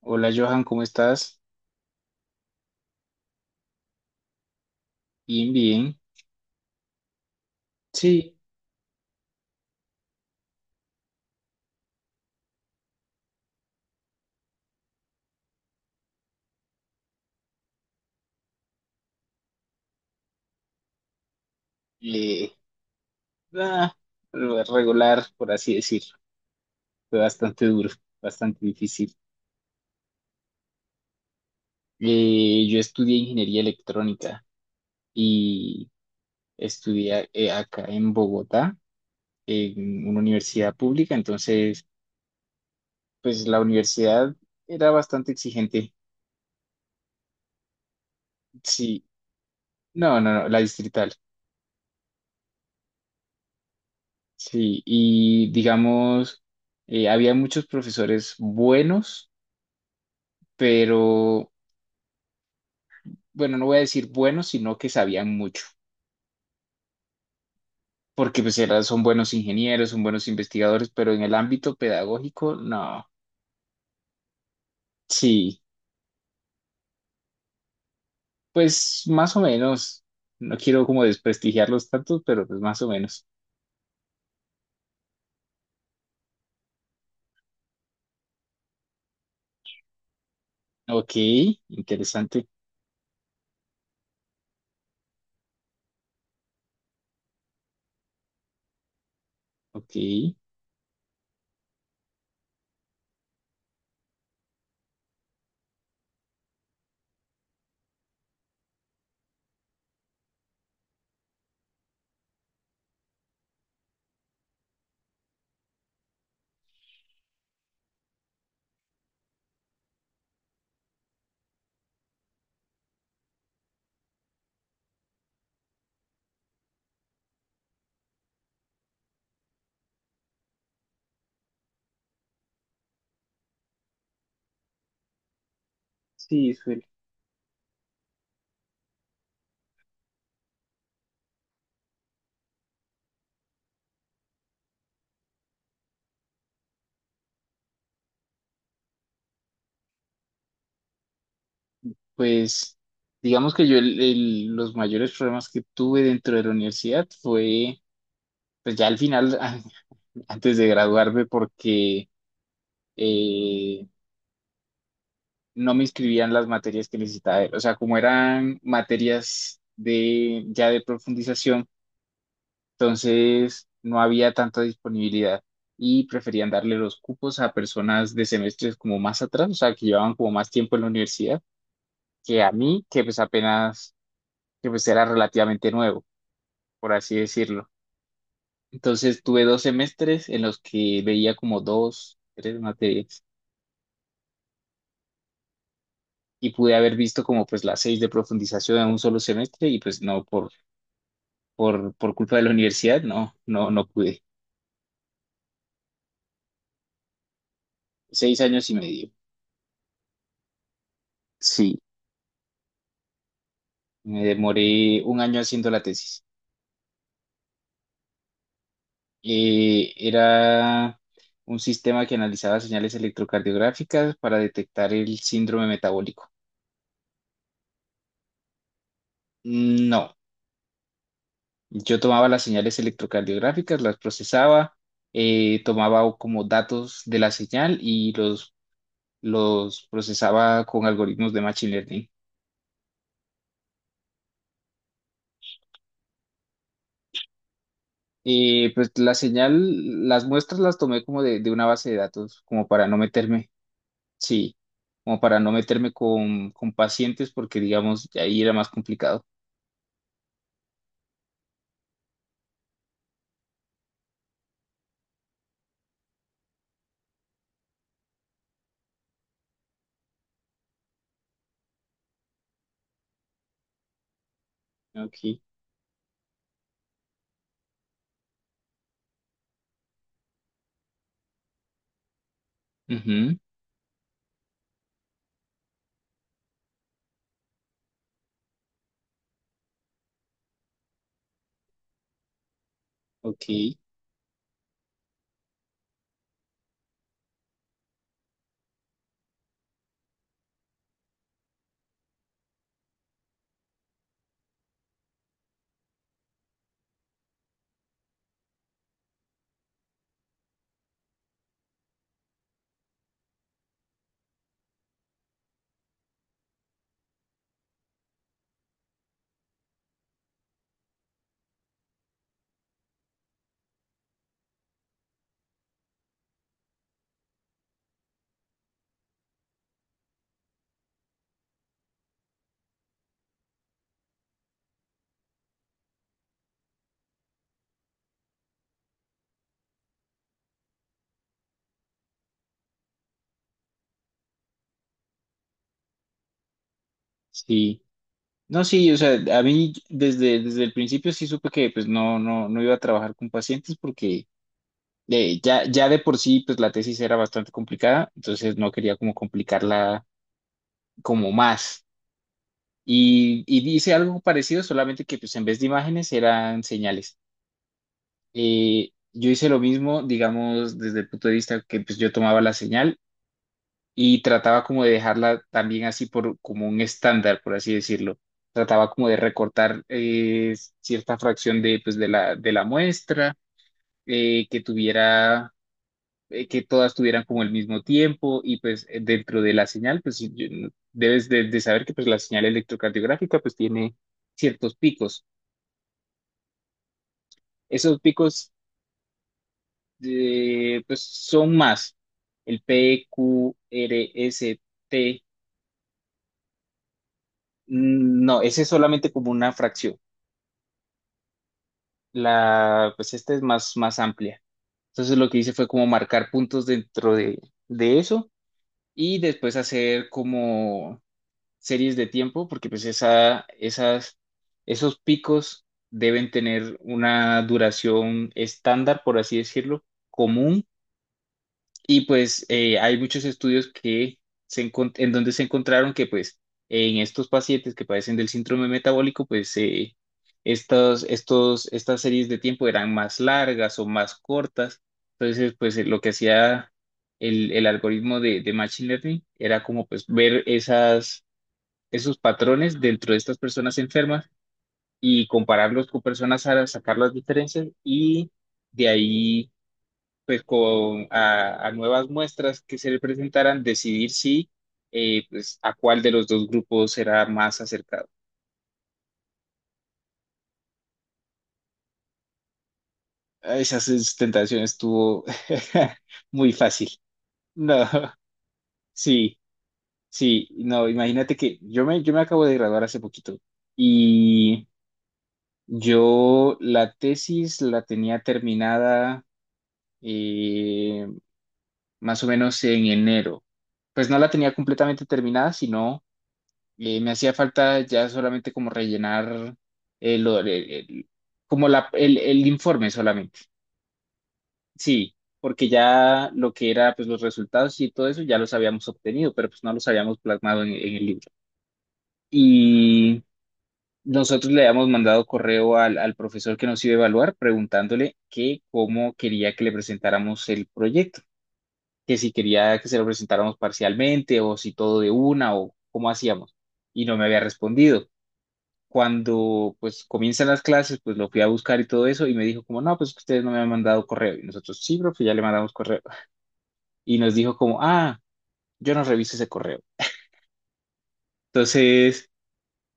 Hola Johan, ¿cómo estás? Bien, bien. Sí, eh, ah, regular, por así decirlo. Fue bastante duro, bastante difícil. Yo estudié ingeniería electrónica y estudié acá en Bogotá, en una universidad pública. Entonces, pues la universidad era bastante exigente. Sí, no, la distrital. Sí, y digamos, había muchos profesores buenos, pero bueno, no voy a decir buenos, sino que sabían mucho, porque son buenos ingenieros, son buenos investigadores, pero en el ámbito pedagógico, no, sí, pues más o menos, no quiero como desprestigiarlos tanto, pero pues más o menos. Ok, interesante, ok, sí, suele. Pues digamos que yo los mayores problemas que tuve dentro de la universidad fue, pues ya al final, antes de graduarme, porque eh, no me inscribían las materias que necesitaba él. O sea, como eran materias de ya de profundización, entonces no había tanta disponibilidad y preferían darle los cupos a personas de semestres como más atrás, o sea, que llevaban como más tiempo en la universidad, que a mí, que pues apenas, que pues era relativamente nuevo, por así decirlo. Entonces tuve dos semestres en los que veía como dos, tres materias y pude haber visto como pues las seis de profundización en un solo semestre y pues no, por culpa de la universidad, no pude. Seis años y medio. Sí, me demoré un año haciendo la tesis. Era un sistema que analizaba señales electrocardiográficas para detectar el síndrome metabólico. No, yo tomaba las señales electrocardiográficas, las procesaba, tomaba como datos de la señal y los procesaba con algoritmos de machine learning. Y pues la señal, las muestras las tomé como de una base de datos, como para no meterme, sí, como para no meterme con pacientes porque digamos, ahí era más complicado. Ok, ujú, ok, sí. No, sí, o sea, a mí desde el principio sí supe que pues no iba a trabajar con pacientes porque ya de por sí pues la tesis era bastante complicada, entonces no quería como complicarla como más. Y dice algo parecido, solamente que pues en vez de imágenes eran señales. Yo hice lo mismo, digamos, desde el punto de vista que pues yo tomaba la señal y trataba como de dejarla también así por como un estándar, por así decirlo. Trataba como de recortar cierta fracción de pues de la muestra, eh, que tuviera, que todas tuvieran como el mismo tiempo y pues dentro de la señal, pues si yo- debes de saber que pues la señal electrocardiográfica pues tiene ciertos picos. Esos picos pues son más. El PQRST. Mm. No, ese es solamente como una fracción. La, pues esta es más, más amplia. Entonces lo que hice fue como marcar puntos dentro de eso y después hacer como series de tiempo, porque esos picos deben tener una duración estándar, por así decirlo, común. Y pues hay muchos estudios que en donde se encontraron que pues en estos pacientes que padecen del síndrome metabólico, pues estas series de tiempo eran más largas o más cortas. Entonces, pues lo que hacía el algoritmo de Machine Learning era como pues ver esos patrones dentro de estas personas enfermas y compararlos con personas sanas, sacar las diferencias y de ahí pues con a nuevas muestras que se le presentaran, decidir si pues a cuál de los dos grupos era más acercado. Esa sustentación estuvo muy fácil. No, sí, sí, no, imagínate que yo me acabo de graduar hace poquito y yo la tesis la tenía terminada eh, más o menos en enero. Pues no la tenía completamente terminada, sino. Me hacía falta ya solamente como rellenar el, el- el- como el informe solamente. Sí, porque ya lo que era pues los resultados y todo eso ya los habíamos obtenido, pero pues no los habíamos plasmado en el libro. Y nosotros le habíamos mandado correo al profesor que nos iba a evaluar preguntándole que cómo quería que le presentáramos el proyecto, que si quería que se lo presentáramos parcialmente o si todo de una o cómo hacíamos. Y no me había respondido. Cuando pues comienzan las clases, pues lo fui a buscar y todo eso y me dijo como, no, pues que ustedes no me han mandado correo. Y nosotros, sí, profe, ya le mandamos correo. Y nos dijo como, ah, yo no reviso ese correo. Entonces,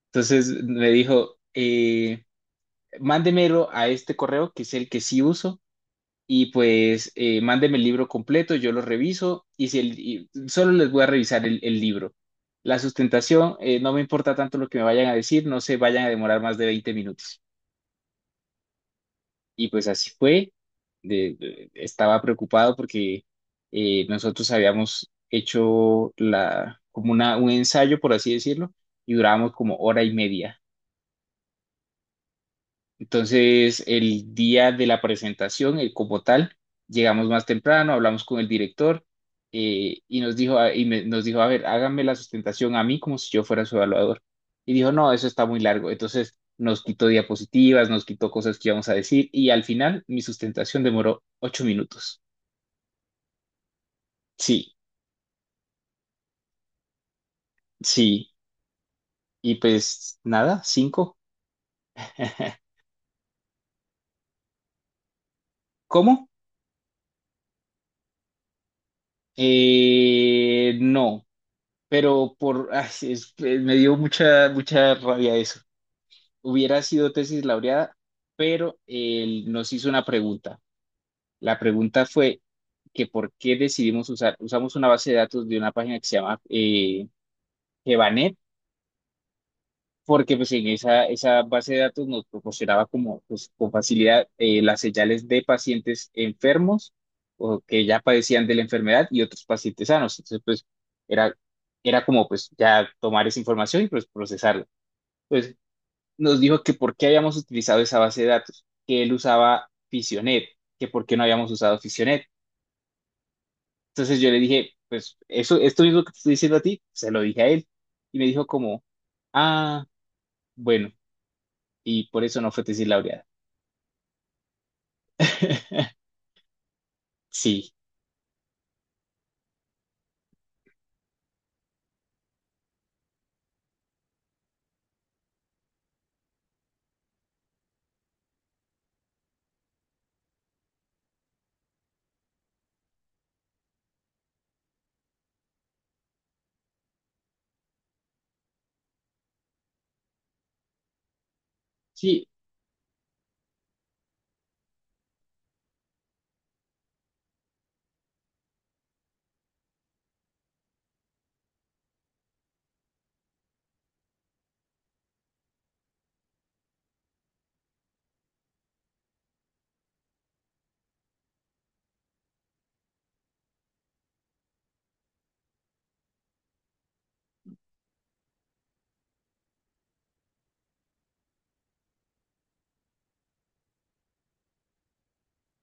entonces me dijo, mándemelo a este correo, que es el que sí uso, y pues mándeme el libro completo, yo lo reviso y, si el- y solo les voy a revisar el libro. La sustentación, no me importa tanto lo que me vayan a decir, no se vayan a demorar más de 20 minutos. Y pues así fue. Estaba preocupado porque nosotros habíamos hecho un ensayo, por así decirlo, y durábamos como hora y media. Entonces, el día de la presentación, como tal, llegamos más temprano, hablamos con el director y nos dijo, nos dijo, a ver, háganme la sustentación a mí como si yo fuera su evaluador. Y dijo, no, eso está muy largo. Entonces, nos quitó diapositivas, nos quitó cosas que íbamos a decir y al final mi sustentación demoró 8 minutos. Sí, sí. Y pues nada, cinco. ¿Cómo? No, pero ay, me dio mucha, mucha rabia eso. Hubiera sido tesis laureada, pero él nos hizo una pregunta. La pregunta fue que por qué usamos una base de datos de una página que se llama Evanet, porque pues en esa base de datos nos proporcionaba como pues, con facilidad las señales de pacientes enfermos o que ya padecían de la enfermedad y otros pacientes sanos. Entonces pues era, era como pues ya tomar esa información y pues procesarla. Pues nos dijo que por qué habíamos utilizado esa base de datos, que él usaba Fisionet, que por qué no habíamos usado Fisionet. Entonces yo le dije, pues eso, esto mismo que te estoy diciendo a ti, se lo dije a él. Y me dijo como, ah, bueno, y por eso no fue tesis laureada. Sí, sí,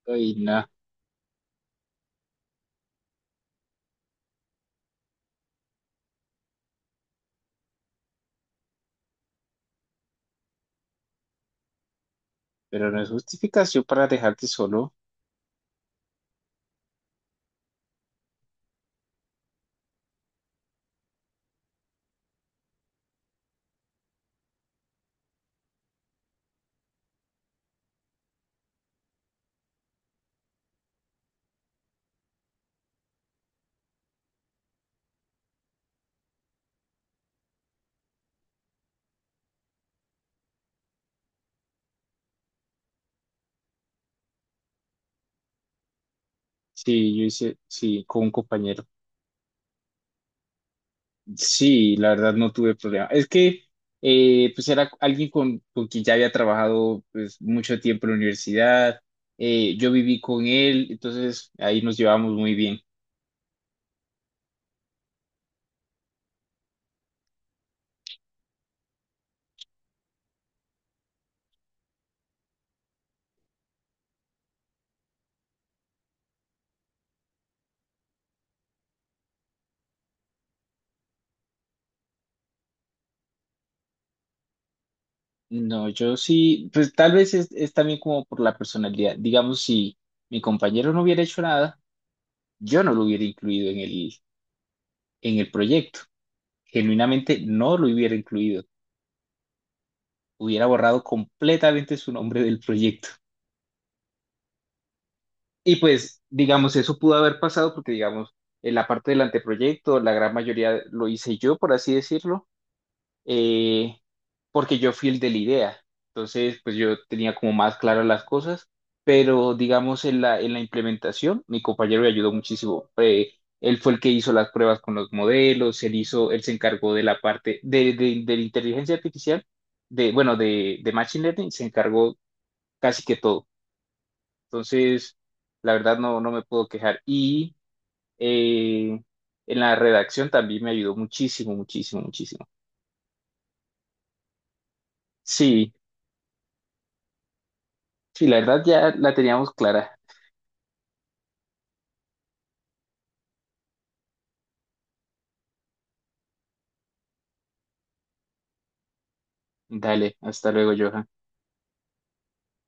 ay, no, pero no es justificación para dejarte solo. Sí, yo hice, sí, con un compañero. Sí, la verdad no tuve problema. Es que pues era alguien con quien ya había trabajado pues, mucho tiempo en la universidad. Yo viví con él, entonces ahí nos llevábamos muy bien. No, yo sí, pues tal vez es también como por la personalidad. Digamos, si mi compañero no hubiera hecho nada, yo no lo hubiera incluido en en el proyecto. Genuinamente no lo hubiera incluido. Hubiera borrado completamente su nombre del proyecto. Y pues, digamos, eso pudo haber pasado porque, digamos, en la parte del anteproyecto, la gran mayoría lo hice yo, por así decirlo, eh, porque yo fui el de la idea. Entonces, pues yo tenía como más claras las cosas, pero digamos, en en la implementación, mi compañero me ayudó muchísimo. Él fue el que hizo las pruebas con los modelos, él se encargó de la parte de la inteligencia artificial, de, bueno, de Machine Learning, se encargó casi que todo. Entonces, la verdad no, no me puedo quejar. Y eh, en la redacción también me ayudó muchísimo, muchísimo, muchísimo. Sí, sí, la verdad ya la teníamos clara. Dale, hasta luego, Johan.